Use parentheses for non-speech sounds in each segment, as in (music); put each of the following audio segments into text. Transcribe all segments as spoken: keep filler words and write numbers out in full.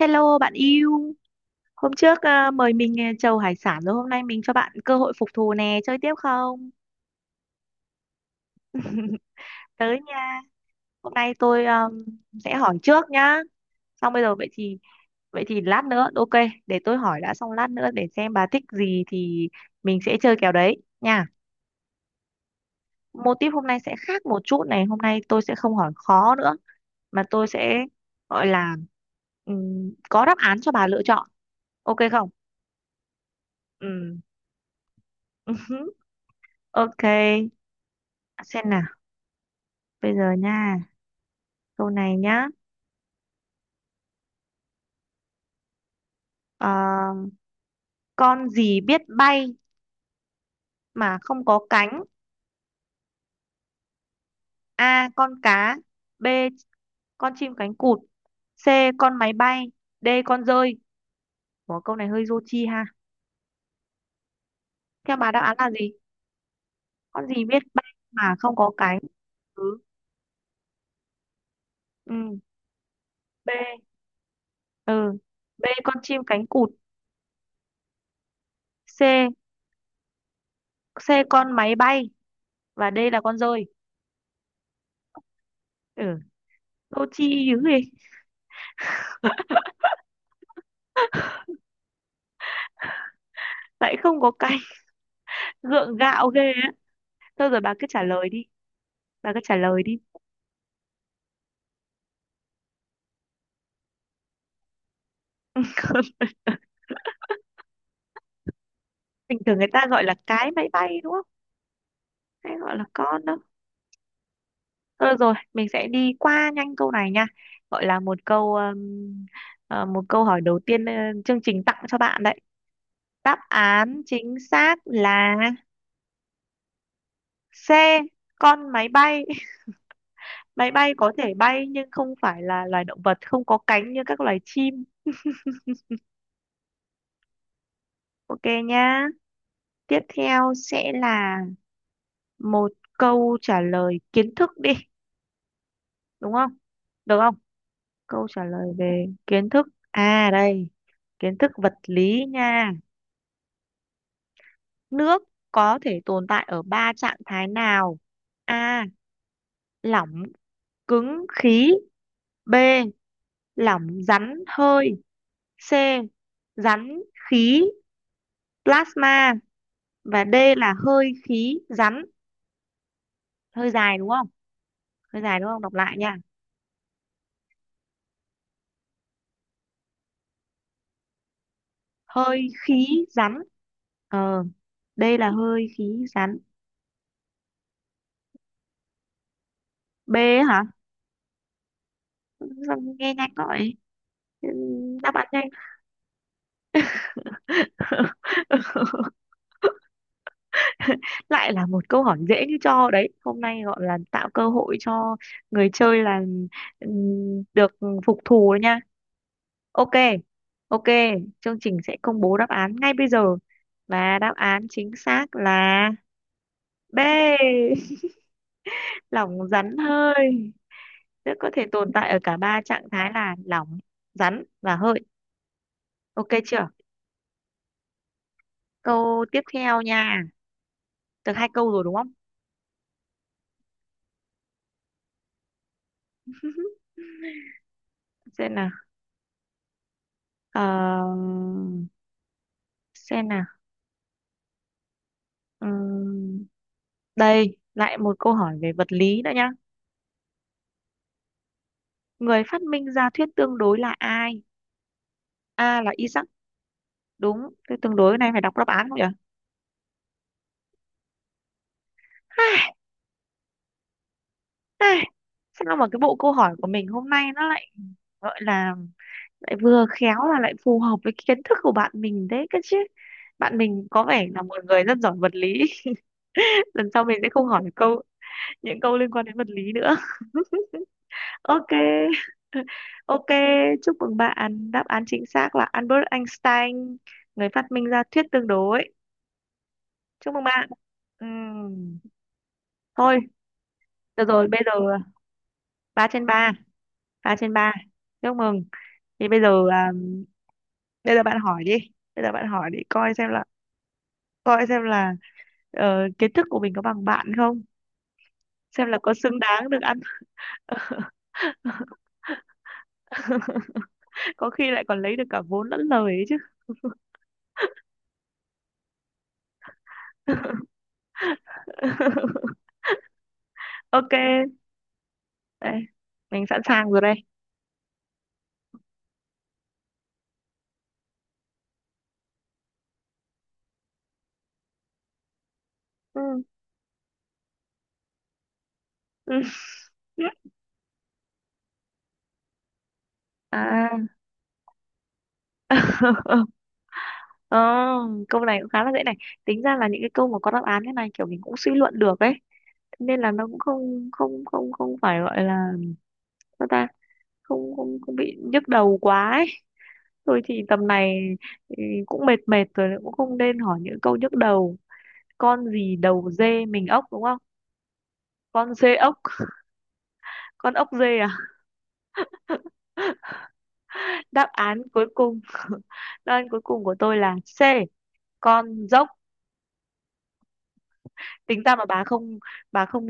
Hello bạn yêu, hôm trước à, mời mình à, trầu hải sản rồi hôm nay mình cho bạn cơ hội phục thù nè, chơi tiếp không? Tới nha. Hôm nay tôi um, sẽ hỏi trước nhá. Xong bây giờ vậy thì vậy thì lát nữa ok, để tôi hỏi đã xong lát nữa để xem bà thích gì thì mình sẽ chơi kèo đấy nha. Mô típ hôm nay sẽ khác một chút này, hôm nay tôi sẽ không hỏi khó nữa mà tôi sẽ gọi là ừm, có đáp án cho bà lựa chọn. Ok không? Ừ. (laughs) Ok. Xem nào. Bây giờ nha, câu này nhá. Ờ, con gì biết bay mà không có cánh? A. Con cá. B. Con chim cánh cụt. C. Con máy bay. D. Con dơi. Ủa, câu này hơi vô tri ha. Theo bà đáp án là gì? Con gì biết bay mà không có cánh? Ừ. Ừ. B. Ừ. B. Con chim cánh cụt. C. C. Con máy bay. Và D là con dơi. Ừ. Vô tri dữ gì? Lại không có cánh. (laughs) Gượng gạo ghê á. Thôi rồi bà cứ trả lời đi. Bà cứ trả lời đi. (laughs) Bình thường người ta gọi là cái máy bay đúng không, hay gọi là con đó. Thôi được rồi, mình sẽ đi qua nhanh câu này nha, gọi là một câu ừm, ờ, một câu hỏi đầu tiên ờ, chương trình tặng cho bạn đấy. Đáp án chính xác là C, con máy bay. (laughs) Máy bay có thể bay nhưng không phải là loài động vật không có cánh như các loài chim. (laughs) Ok nhá. Tiếp theo sẽ là một câu trả lời kiến thức đi, đúng không? Được không? Câu trả lời về kiến thức a đây, kiến thức vật lý nha. Nước có thể tồn tại ở ba trạng thái nào? A. Lỏng, cứng, khí. B. Lỏng, rắn, hơi. C. Rắn, khí, plasma. Và D là hơi khí rắn. Hơi dài đúng không? Hơi dài đúng không? Đọc lại nha. Hơi khí rắn. Ờ, D là hơi khí rắn. B hả? Sao nghe nhanh gọi. Đáp án nhanh. (laughs) Lại là một câu hỏi dễ như cho đấy, hôm nay gọi là tạo cơ hội cho người chơi là ừm, được phục thù đấy nha. Ok. Ok, chương trình sẽ công bố đáp án ngay bây giờ và đáp án chính xác là B. (laughs) Lỏng rắn hơi, rất có thể tồn tại ở cả ba trạng thái là lỏng rắn và hơi. Ok chưa? Câu tiếp theo nha, được hai câu rồi đúng không? Xem nào. Ờ, xem nào. Ừm, đây, lại một câu hỏi về vật lý nữa nhá. Người phát minh ra thuyết tương đối là ai? A là Isaac, đúng. Thuyết tương đối này phải đọc đáp án không nhỉ? Ai, ai, sao mà cái bộ câu hỏi của mình hôm nay nó lại gọi là lại vừa khéo mà lại phù hợp với cái kiến thức của bạn mình đấy cơ chứ. Bạn mình có vẻ là một người rất giỏi vật lý. (laughs) Lần sau mình sẽ không hỏi câu, những câu liên quan đến vật lý nữa. Ok. (laughs) Ok, chúc mừng bạn. Đáp án chính xác là Albert Einstein, người phát minh ra thuyết tương đối. Chúc mừng bạn. Ừm, Thôi, được rồi, bây giờ ba trên ba. Ba trên ba. Chúc mừng. Thì bây giờ à, bây giờ bạn hỏi đi. Bây giờ bạn hỏi đi coi xem là, coi xem là ờ, kiến thức của mình có bằng bạn không, xem là có xứng đáng được ăn. (laughs) Có khi lại còn lấy được cả vốn lẫn lời ấy chứ. (laughs) Ok, đây, mình sẵn sàng rồi đây. Ừ. Ừ. À. (laughs) Ờ, câu này cũng khá là dễ này. Tính ra là những cái câu mà có đáp án thế này kiểu mình cũng suy luận được ấy. Thế nên là nó cũng không không không không phải gọi là sao ta, không không không bị nhức đầu quá ấy. Thôi thì tầm này ừ, cũng mệt mệt rồi cũng không nên hỏi những câu nhức đầu. Con gì đầu dê mình ốc đúng không? Con dê ốc, con ốc dê à? (laughs) Đáp án cuối cùng, (laughs) đáp án cuối cùng của tôi là C, con dốc. Tính ra mà bà không, bà không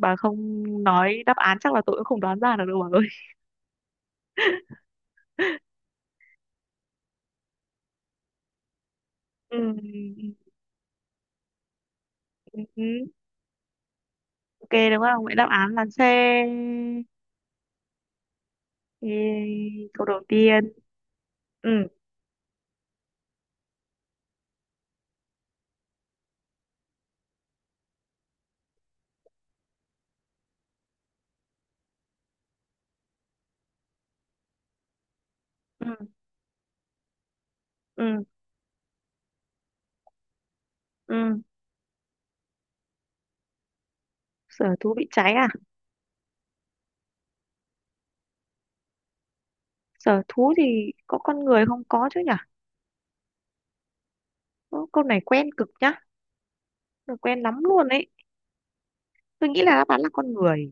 bà không nói đáp án chắc là tôi cũng không đoán ra được đâu bà ơi. Ừ, ừ, ừ. Ok đúng không, vậy đáp án là C. Ê, câu đầu tiên. Ừ. Ừ. Ừ. Ừ. Sở thú bị cháy à? Sở thú thì có con người không có chứ nhỉ? Ơ, câu này quen cực nhá, quen lắm luôn ấy. Tôi nghĩ là đáp án là con người,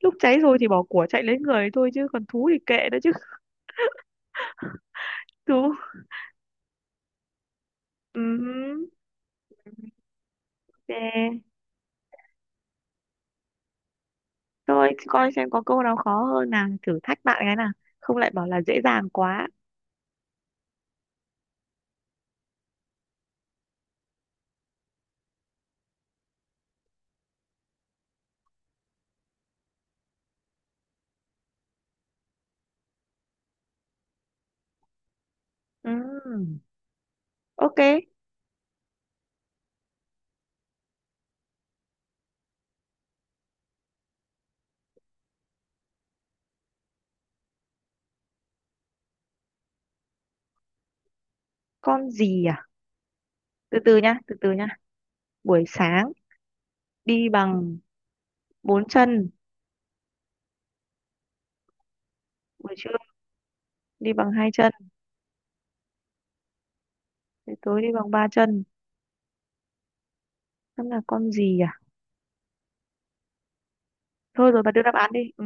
lúc cháy rồi thì bỏ của chạy lấy người thôi chứ còn thú thì kệ đó chứ. Thú. Ừ. Ok. Rồi coi xem có câu nào khó hơn nào thử thách bạn cái nào, không lại bảo là dễ dàng quá. Ừm, ok. Con gì à? Từ từ nhá, từ từ nhá. Buổi sáng đi bằng bốn chân, buổi trưa đi bằng hai chân, buổi tối đi bằng ba chân. Xem là con gì à? Thôi rồi bà đưa đáp án đi ừ.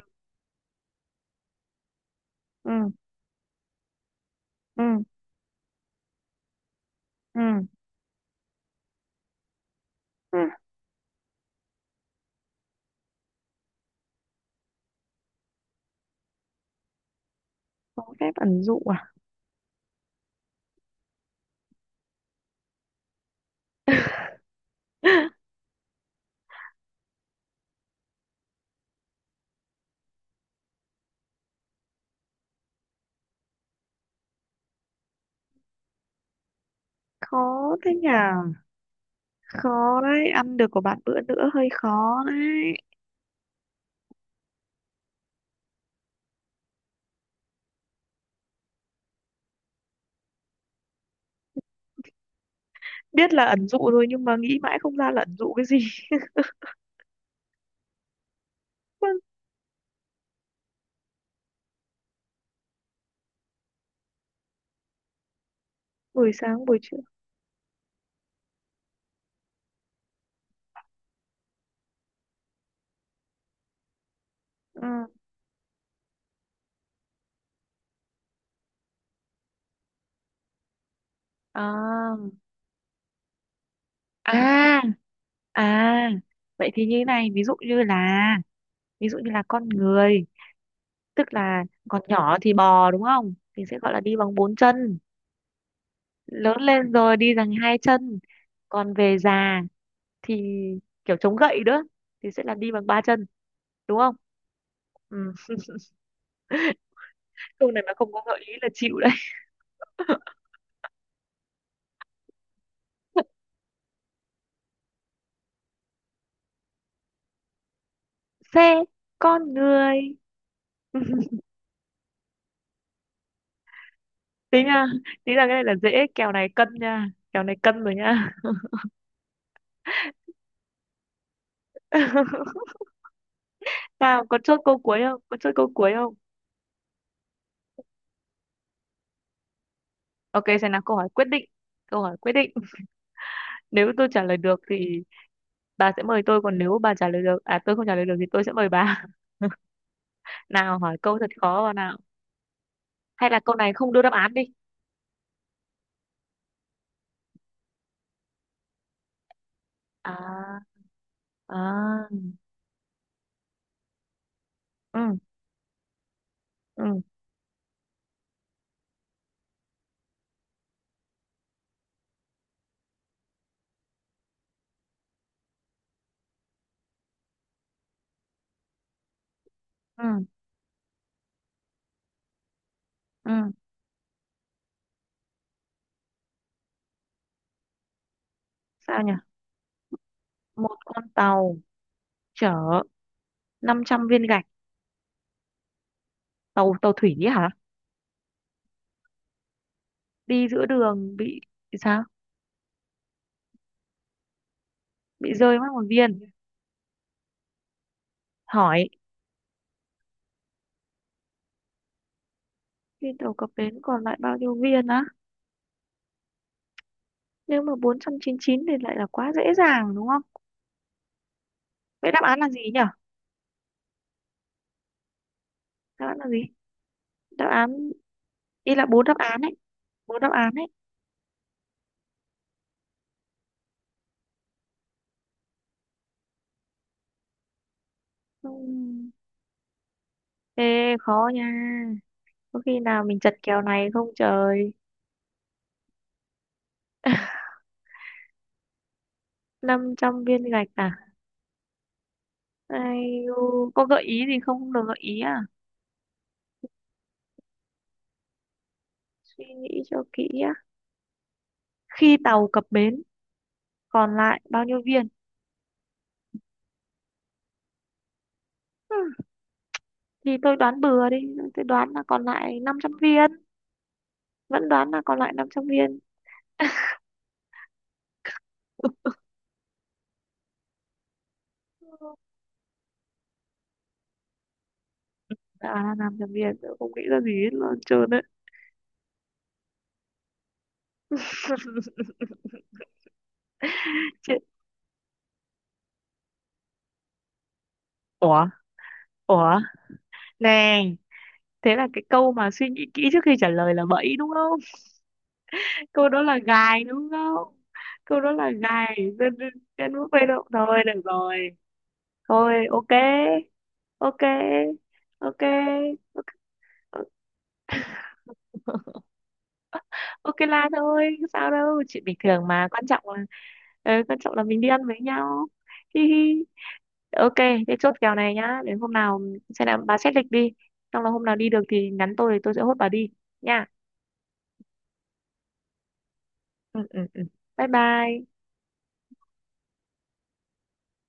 Ừ. Ừ. Ừ. Ừ. Có phép ẩn dụ à? (laughs) Khó thế nhỉ? Khó đấy, ăn được của bạn bữa nữa hơi khó đấy. Biết là ẩn dụ rồi nhưng mà nghĩ mãi không ra là ẩn dụ cái gì. (laughs) Buổi sáng buổi trưa. Ừ. À, à, à, vậy thì như thế này, ví dụ như là, ví dụ như là con người, tức là còn nhỏ thì bò đúng không, thì sẽ gọi là đi bằng bốn chân, lớn lên rồi đi bằng hai chân, còn về già thì kiểu chống gậy nữa thì sẽ là đi bằng ba chân, đúng không? Ừ. Câu này mà không có gợi ý là chịu đấy. (laughs) Xe, con người. (laughs) Tính nha, tính là cái này là dễ, kèo này cân nha, kèo này cân rồi nha. (laughs) Sao có chốt câu cuối không? Có chốt câu cuối không? Ok, sẽ là câu hỏi quyết định. Câu hỏi quyết định. (laughs) Nếu tôi trả lời được thì bà sẽ mời tôi, còn nếu bà trả lời được, à tôi không trả lời được thì tôi sẽ mời bà. (laughs) Nào hỏi câu thật khó vào nào. Hay là câu này không đưa đáp án đi. À, à, ừ, ừ, ừ, ừ. Sao nhỉ? Một con tàu chở năm trăm viên gạch, tàu tàu thủy ấy hả? Đi giữa đường bị bị sao? Bị rơi mất một viên. Hỏi trên tàu có bến còn lại bao nhiêu viên á? Nếu mà bốn trăm chín mươi chín thì lại là quá dễ dàng đúng không? Vậy đáp án là gì nhỉ? Đáp án là gì? Đáp án ý là bốn đáp án ấy, bốn đáp án ấy. Ừm, Ê khó nha. Có khi nào mình chật kèo này không trời? (laughs) năm trăm viên gạch à? Ai, u, có gợi ý gì không? Không được gợi ý à? Suy nghĩ cho kỹ á. Khi tàu cập bến còn lại bao nhiêu viên? Ừ, thì tôi đoán bừa đi, tôi đoán là còn lại năm trăm viên. Vẫn đoán là còn lại năm trăm viên. Ừ, à làm thằng Việt tớ không nghĩ ra gì hết luôn trơn đấy. Chết. Ủa. Ủa, nè, thế là cái câu mà suy nghĩ kỹ trước khi trả lời là bẫy đúng không? (laughs) Câu đó là gài đúng không? Câu đó là gài dân, dân bút bê động. Thôi được rồi, thôi ok. Ok. Ok. Ok. Ok là thôi sao đâu, chuyện bình thường mà, quan trọng là ờ, quan trọng là mình đi ăn với nhau. Hi hi. Ok. Thế chốt kèo này nhá, đến hôm nào xem nào, bà xét lịch đi, xong là hôm nào đi được thì nhắn tôi thì tôi sẽ hốt bà đi nha. Ừ ừ ừ. Bye bye.